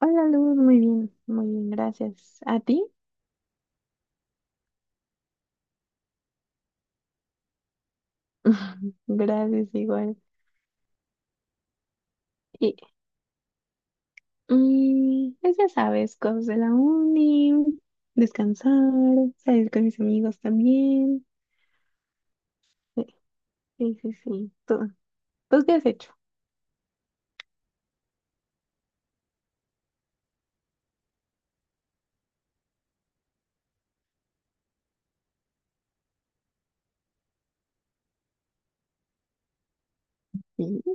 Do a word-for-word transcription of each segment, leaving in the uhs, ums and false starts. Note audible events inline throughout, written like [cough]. Hola Luz, muy bien, muy bien, gracias. ¿A ti? [laughs] Gracias, igual. Y mm, pues ya sabes, cosas de la uni, descansar, salir con mis amigos también. Sí, sí, sí. Sí. ¿Tú, tú qué has hecho? Sí.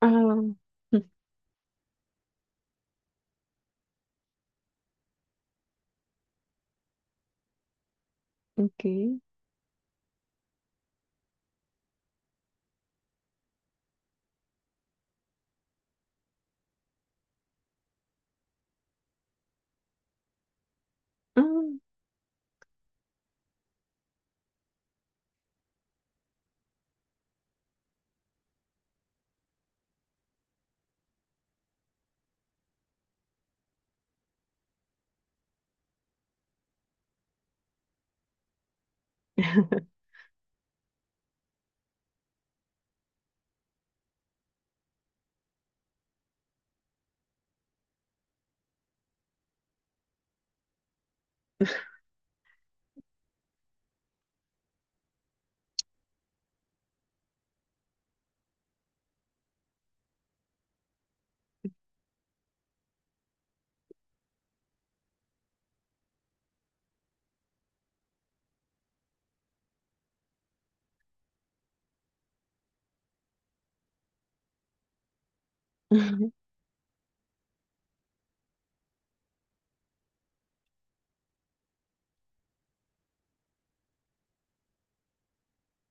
Ah, [laughs] ok. Ah. [laughs]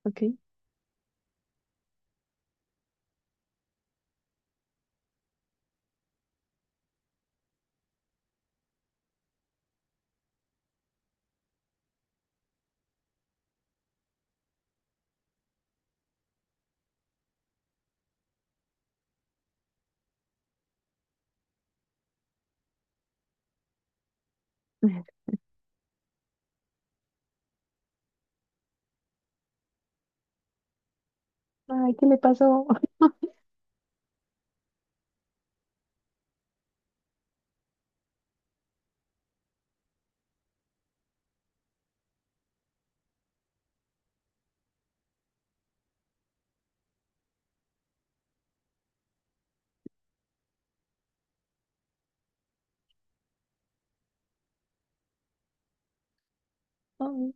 Ok. Ay, ¿qué le pasó? [laughs] Ay,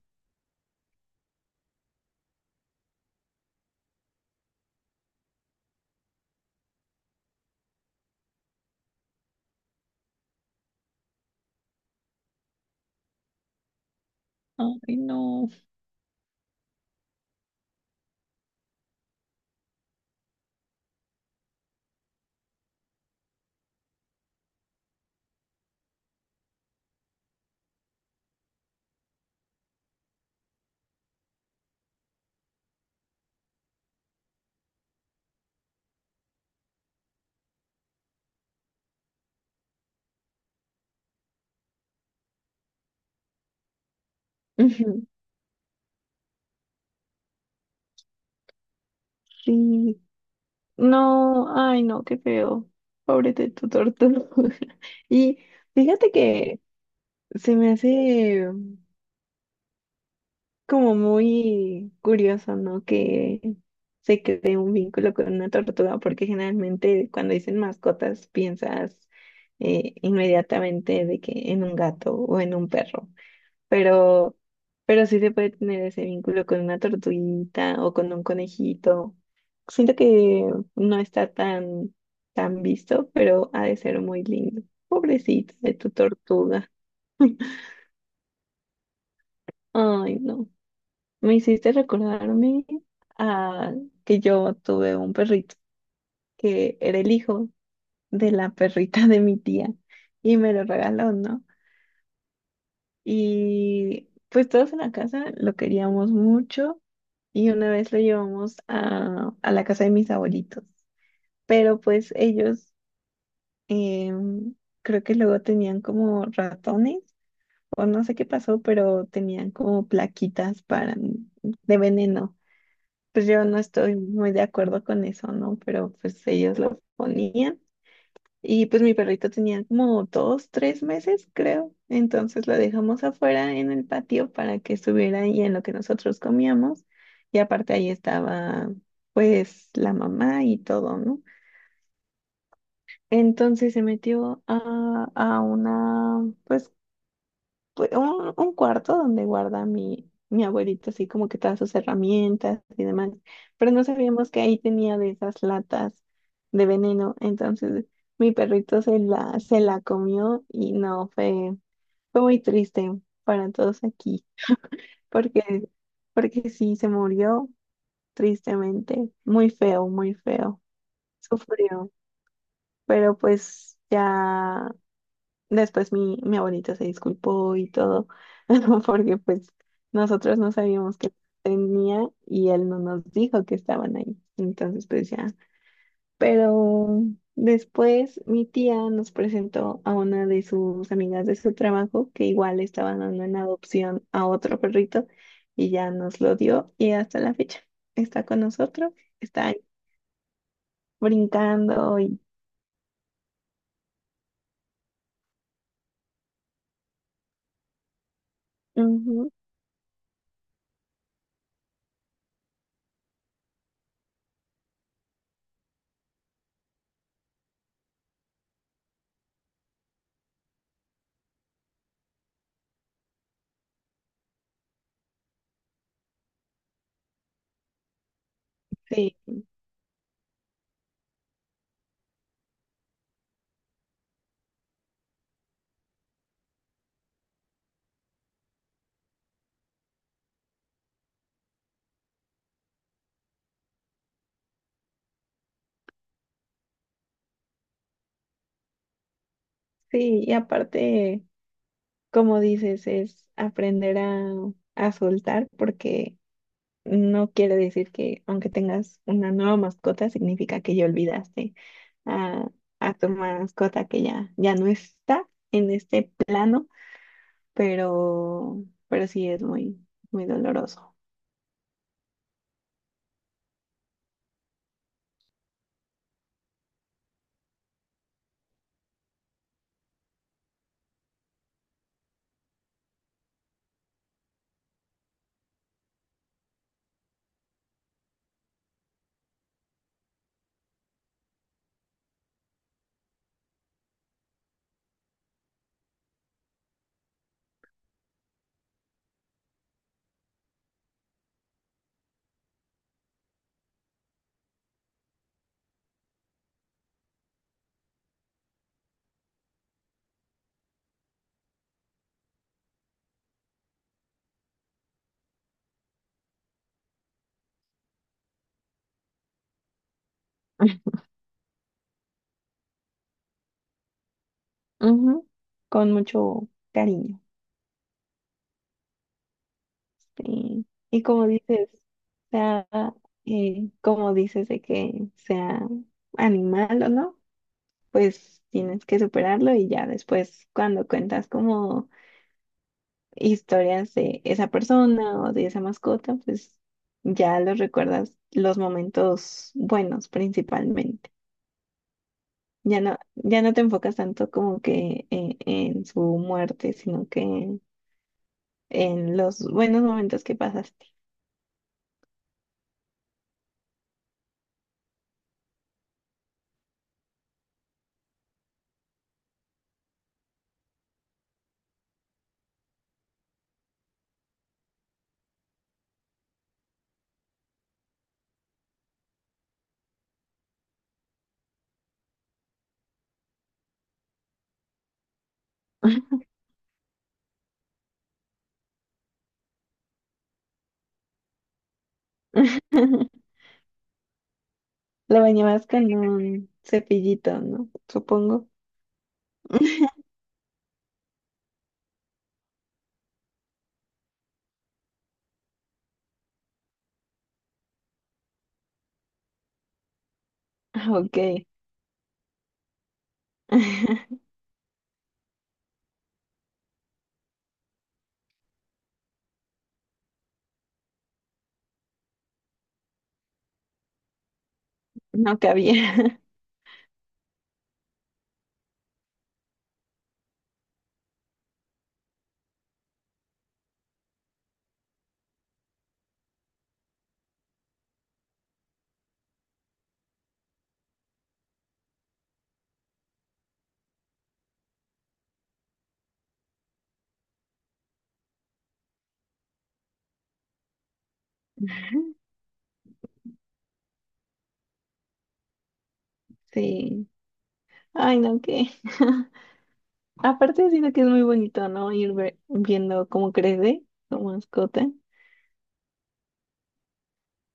ay, no. [laughs] Ujú. Sí, no, ay, no, qué feo. Pobre de tu tortuga. [laughs] Y fíjate que se me hace como muy curioso, ¿no? Que se cree un vínculo con una tortuga, porque generalmente cuando dicen mascotas piensas eh, inmediatamente de que en un gato o en un perro, pero, pero sí se puede tener ese vínculo con una tortuguita o con un conejito. Siento que no está tan, tan visto, pero ha de ser muy lindo. Pobrecita de tu tortuga. [laughs] Ay, no. Me hiciste recordarme a que yo tuve un perrito que era el hijo de la perrita de mi tía y me lo regaló, ¿no? Y pues todos en la casa lo queríamos mucho y una vez lo llevamos a, a la casa de mis abuelitos. Pero pues ellos em, creo que luego tenían como ratones o no sé qué pasó, pero tenían como plaquitas para, de veneno. Pues yo no estoy muy de acuerdo con eso, ¿no? Pero pues ellos lo ponían. Y pues mi perrito tenía como dos, tres meses, creo. Entonces la dejamos afuera en el patio para que estuviera ahí en lo que nosotros comíamos. Y aparte ahí estaba pues la mamá y todo, ¿no? Entonces se metió a, a una, pues pues, un, un cuarto donde guarda mi, mi abuelito, así como que todas sus herramientas y demás. Pero no sabíamos que ahí tenía de esas latas de veneno. Entonces mi perrito se la, se la comió y no, fue, fue muy triste para todos aquí, porque, porque sí, se murió tristemente, muy feo, muy feo, sufrió, pero pues ya. Después mi, mi abuelita se disculpó y todo, [laughs] porque pues nosotros no sabíamos que tenía y él no nos dijo que estaban ahí. Entonces pues ya. Pero después mi tía nos presentó a una de sus amigas de su trabajo que igual estaba dando en adopción a otro perrito y ya nos lo dio y hasta la fecha está con nosotros, está ahí brincando y... Ujú, sí, sí, y aparte... Como dices, es aprender a, a soltar porque no quiere decir que aunque tengas una nueva mascota, significa que ya olvidaste a, a tu mascota que ya, ya no está en este plano, pero, pero sí es muy, muy doloroso. [laughs] Ujú. Con mucho cariño. Sí. Y como dices, sea, eh, como dices de que sea animal o no, pues tienes que superarlo y ya después cuando cuentas como historias de esa persona o de esa mascota, pues ya los recuerdas los momentos buenos principalmente. Ya no, ya no te enfocas tanto como que eh, en su muerte, sino que en los buenos momentos que pasaste. [laughs] Lo bañabas con un cepillito, ¿no? Supongo. [laughs] Ah, ok. [laughs] No cabía. [laughs] Sí. Ay, no, qué. [laughs] Aparte, siento que es muy bonito, ¿no? Ir ve- viendo cómo crece tu mascota.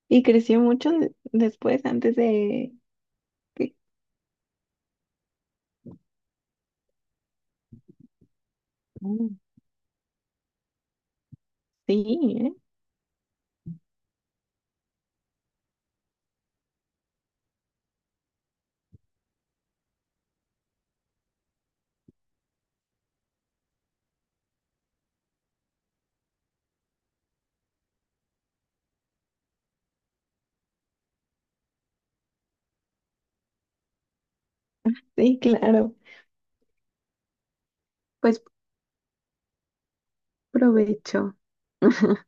Y creció mucho de- después, antes de... Que- mm, sí, ¿eh? Sí, claro. Pues provecho. [laughs]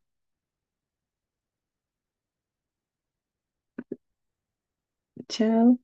Chao.